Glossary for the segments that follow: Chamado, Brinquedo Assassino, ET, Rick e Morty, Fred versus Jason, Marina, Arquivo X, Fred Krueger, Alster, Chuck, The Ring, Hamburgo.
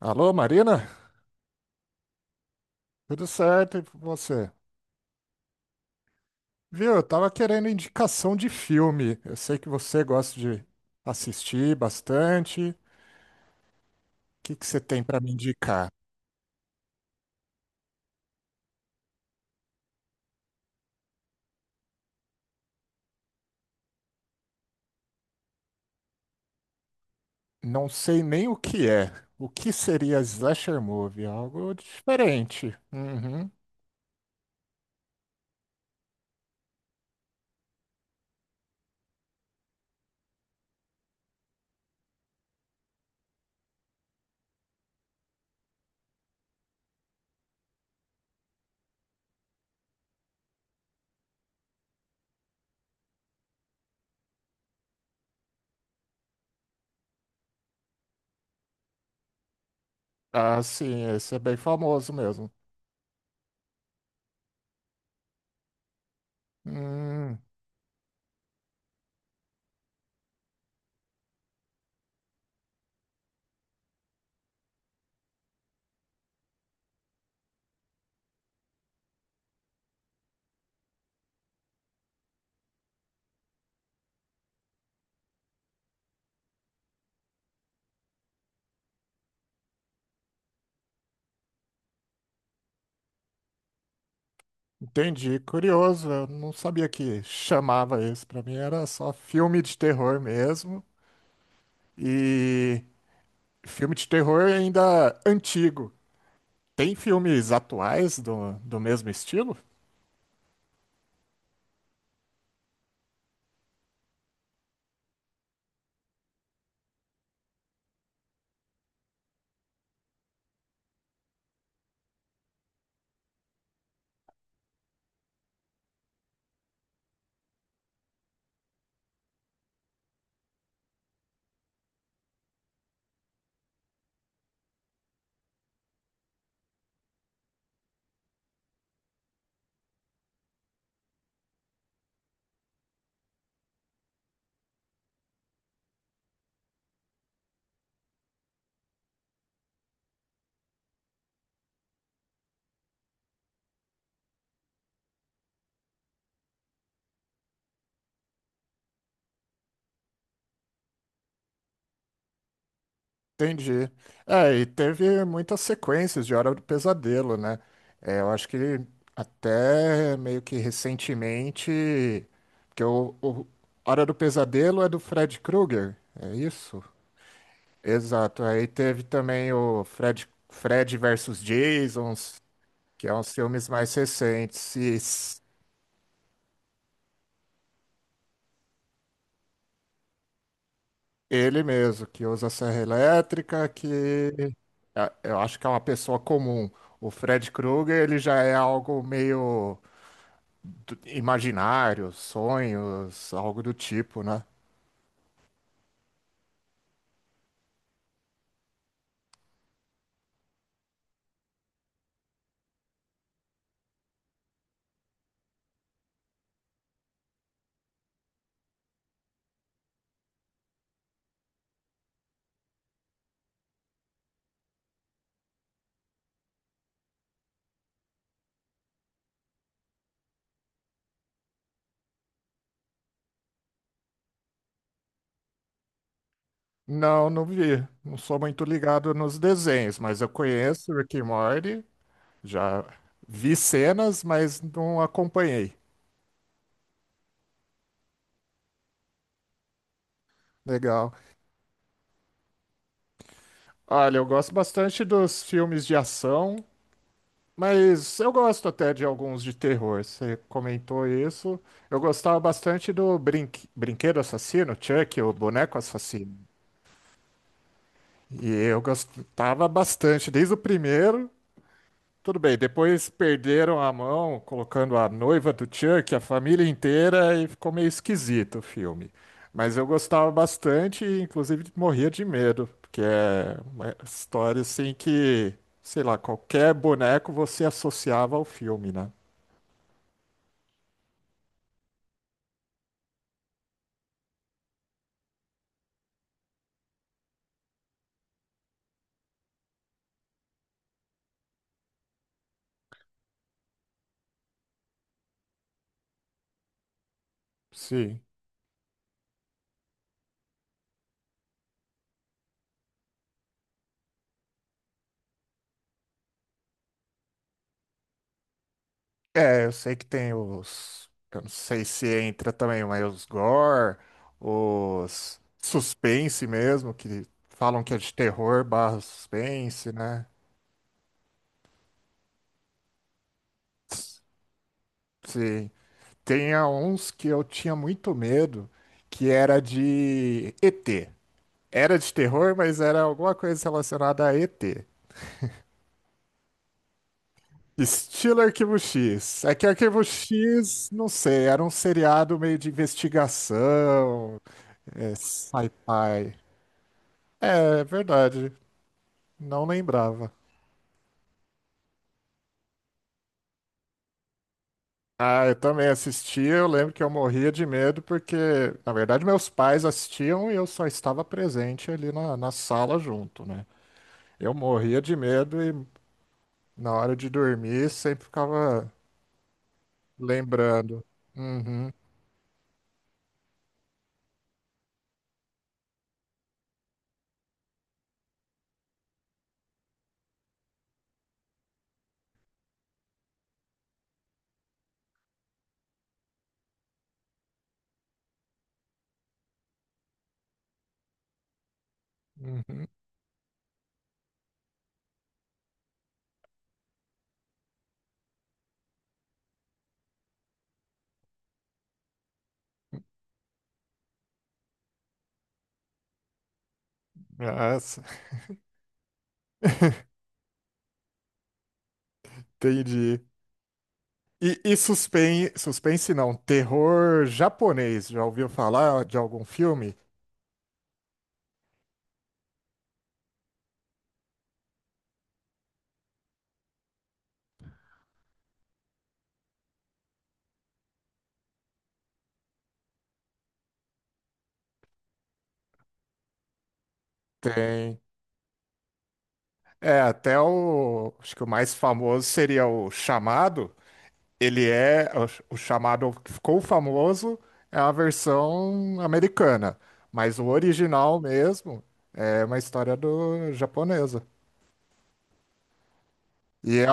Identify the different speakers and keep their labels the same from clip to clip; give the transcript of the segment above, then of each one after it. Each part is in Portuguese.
Speaker 1: Alô, Marina? Tudo certo e você? Viu, eu tava querendo indicação de filme. Eu sei que você gosta de assistir bastante. O que você tem pra me indicar? Não sei nem o que é. O que seria slasher movie? Algo diferente. Uhum. Ah, sim, esse é bem famoso mesmo. Hum, entendi. Curioso, eu não sabia que chamava isso. Pra mim era só filme de terror mesmo. E filme de terror ainda antigo. Tem filmes atuais do mesmo estilo? Entendi. É, e teve muitas sequências de Hora do Pesadelo, né? É, eu acho que até meio que recentemente, porque o Hora do Pesadelo é do Fred Krueger, é isso? Exato. Aí teve também o Fred versus Jason, que é uns filmes mais recentes. E ele mesmo, que usa serra elétrica, que eu acho que é uma pessoa comum. O Fred Krueger, ele já é algo meio imaginário, sonhos, algo do tipo, né? Não, não vi. Não sou muito ligado nos desenhos, mas eu conheço Rick e Morty, já vi cenas, mas não acompanhei. Legal. Olha, eu gosto bastante dos filmes de ação. Mas eu gosto até de alguns de terror. Você comentou isso. Eu gostava bastante do Brinquedo Assassino, Chuck, o Boneco Assassino. E eu gostava bastante, desde o primeiro. Tudo bem, depois perderam a mão, colocando a noiva do Chuck, a família inteira, e ficou meio esquisito o filme. Mas eu gostava bastante e, inclusive, morria de medo, porque é uma história assim que, sei lá, qualquer boneco você associava ao filme, né? Sim. É, eu sei que tem os. Eu não sei se entra também, mas os gore, os suspense mesmo, que falam que é de terror barra suspense, né? Sim. Tem uns que eu tinha muito medo, que era de ET. Era de terror, mas era alguma coisa relacionada a ET. Estilo Arquivo X. É que Arquivo X, não sei, era um seriado meio de investigação, é, sci-fi. É, é verdade. Não lembrava. Ah, eu também assistia. Eu lembro que eu morria de medo porque, na verdade, meus pais assistiam e eu só estava presente ali na sala junto, né? Eu morria de medo e na hora de dormir sempre ficava lembrando. Uhum, uhum. Nossa. Entendi. E suspense, suspense não, terror japonês. Já ouviu falar de algum filme? Tem. É, até o. Acho que o mais famoso seria o Chamado. Ele é. O Chamado que ficou famoso é a versão americana. Mas o original mesmo é uma história do japonesa. E é.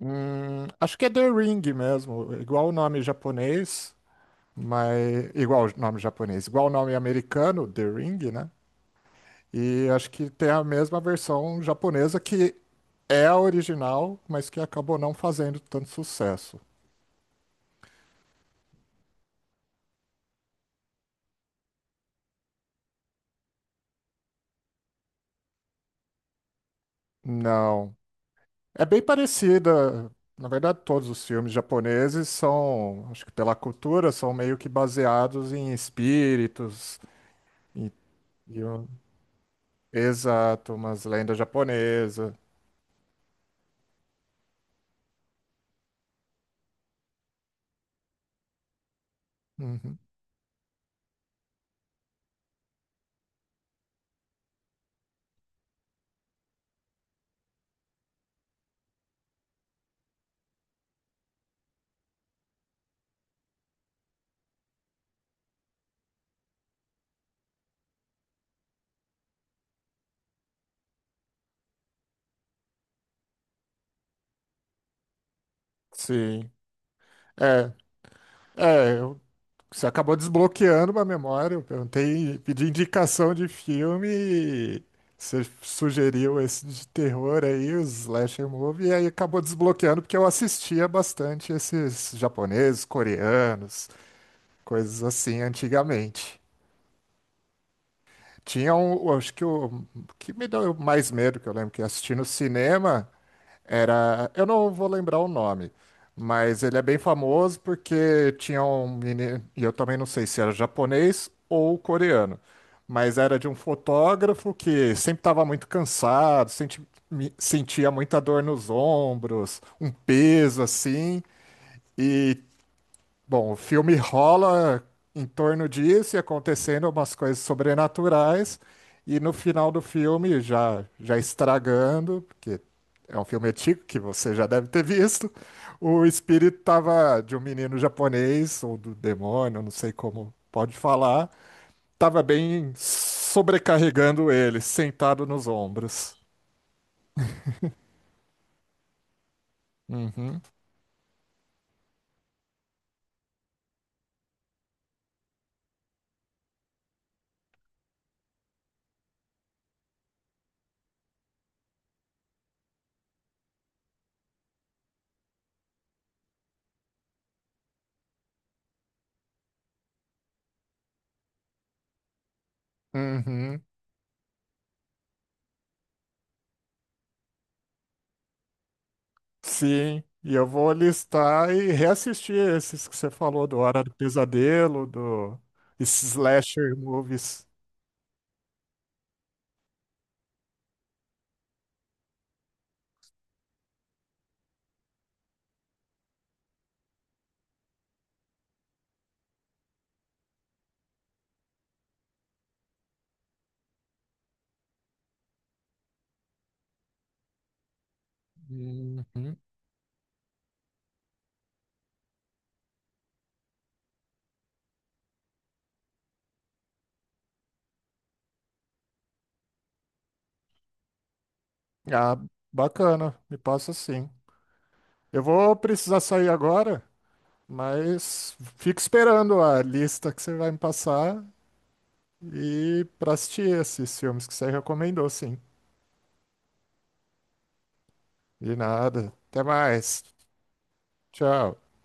Speaker 1: Hum, acho que é The Ring mesmo. Igual o nome japonês, mas. Igual o nome japonês. Igual o nome americano, The Ring, né? E acho que tem a mesma versão japonesa que é a original, mas que acabou não fazendo tanto sucesso. Não. É bem parecida. Na verdade, todos os filmes japoneses são, acho que pela cultura, são meio que baseados em espíritos, em- em um- exato, umas lendas japonesas. Uhum. Sim. É, é, você acabou desbloqueando uma memória. Eu perguntei, pedi indicação de filme e você sugeriu esse de terror aí, o slasher movie, e aí acabou desbloqueando porque eu assistia bastante esses japoneses, coreanos, coisas assim antigamente. Tinha um, eu acho que o que me deu mais medo, que eu lembro que eu assisti no cinema, era, eu não vou lembrar o nome, mas ele é bem famoso porque tinha um menino, e eu também não sei se era japonês ou coreano, mas era de um fotógrafo que sempre estava muito cansado, sentia muita dor nos ombros, um peso assim, e bom, o filme rola em torno disso e acontecendo umas coisas sobrenaturais, e no final do filme, já, já estragando, porque é um filme antigo que você já deve ter visto, o espírito tava de um menino japonês, ou do demônio, não sei como pode falar, tava bem sobrecarregando ele, sentado nos ombros. Uhum. Uhum. Sim, e eu vou listar e reassistir esses que você falou do Hora do Pesadelo, do esses slasher movies. Uhum. Ah, bacana, me passa sim. Eu vou precisar sair agora, mas fico esperando a lista que você vai me passar e para assistir esses filmes que você recomendou, sim. De nada. Até mais. Tchau.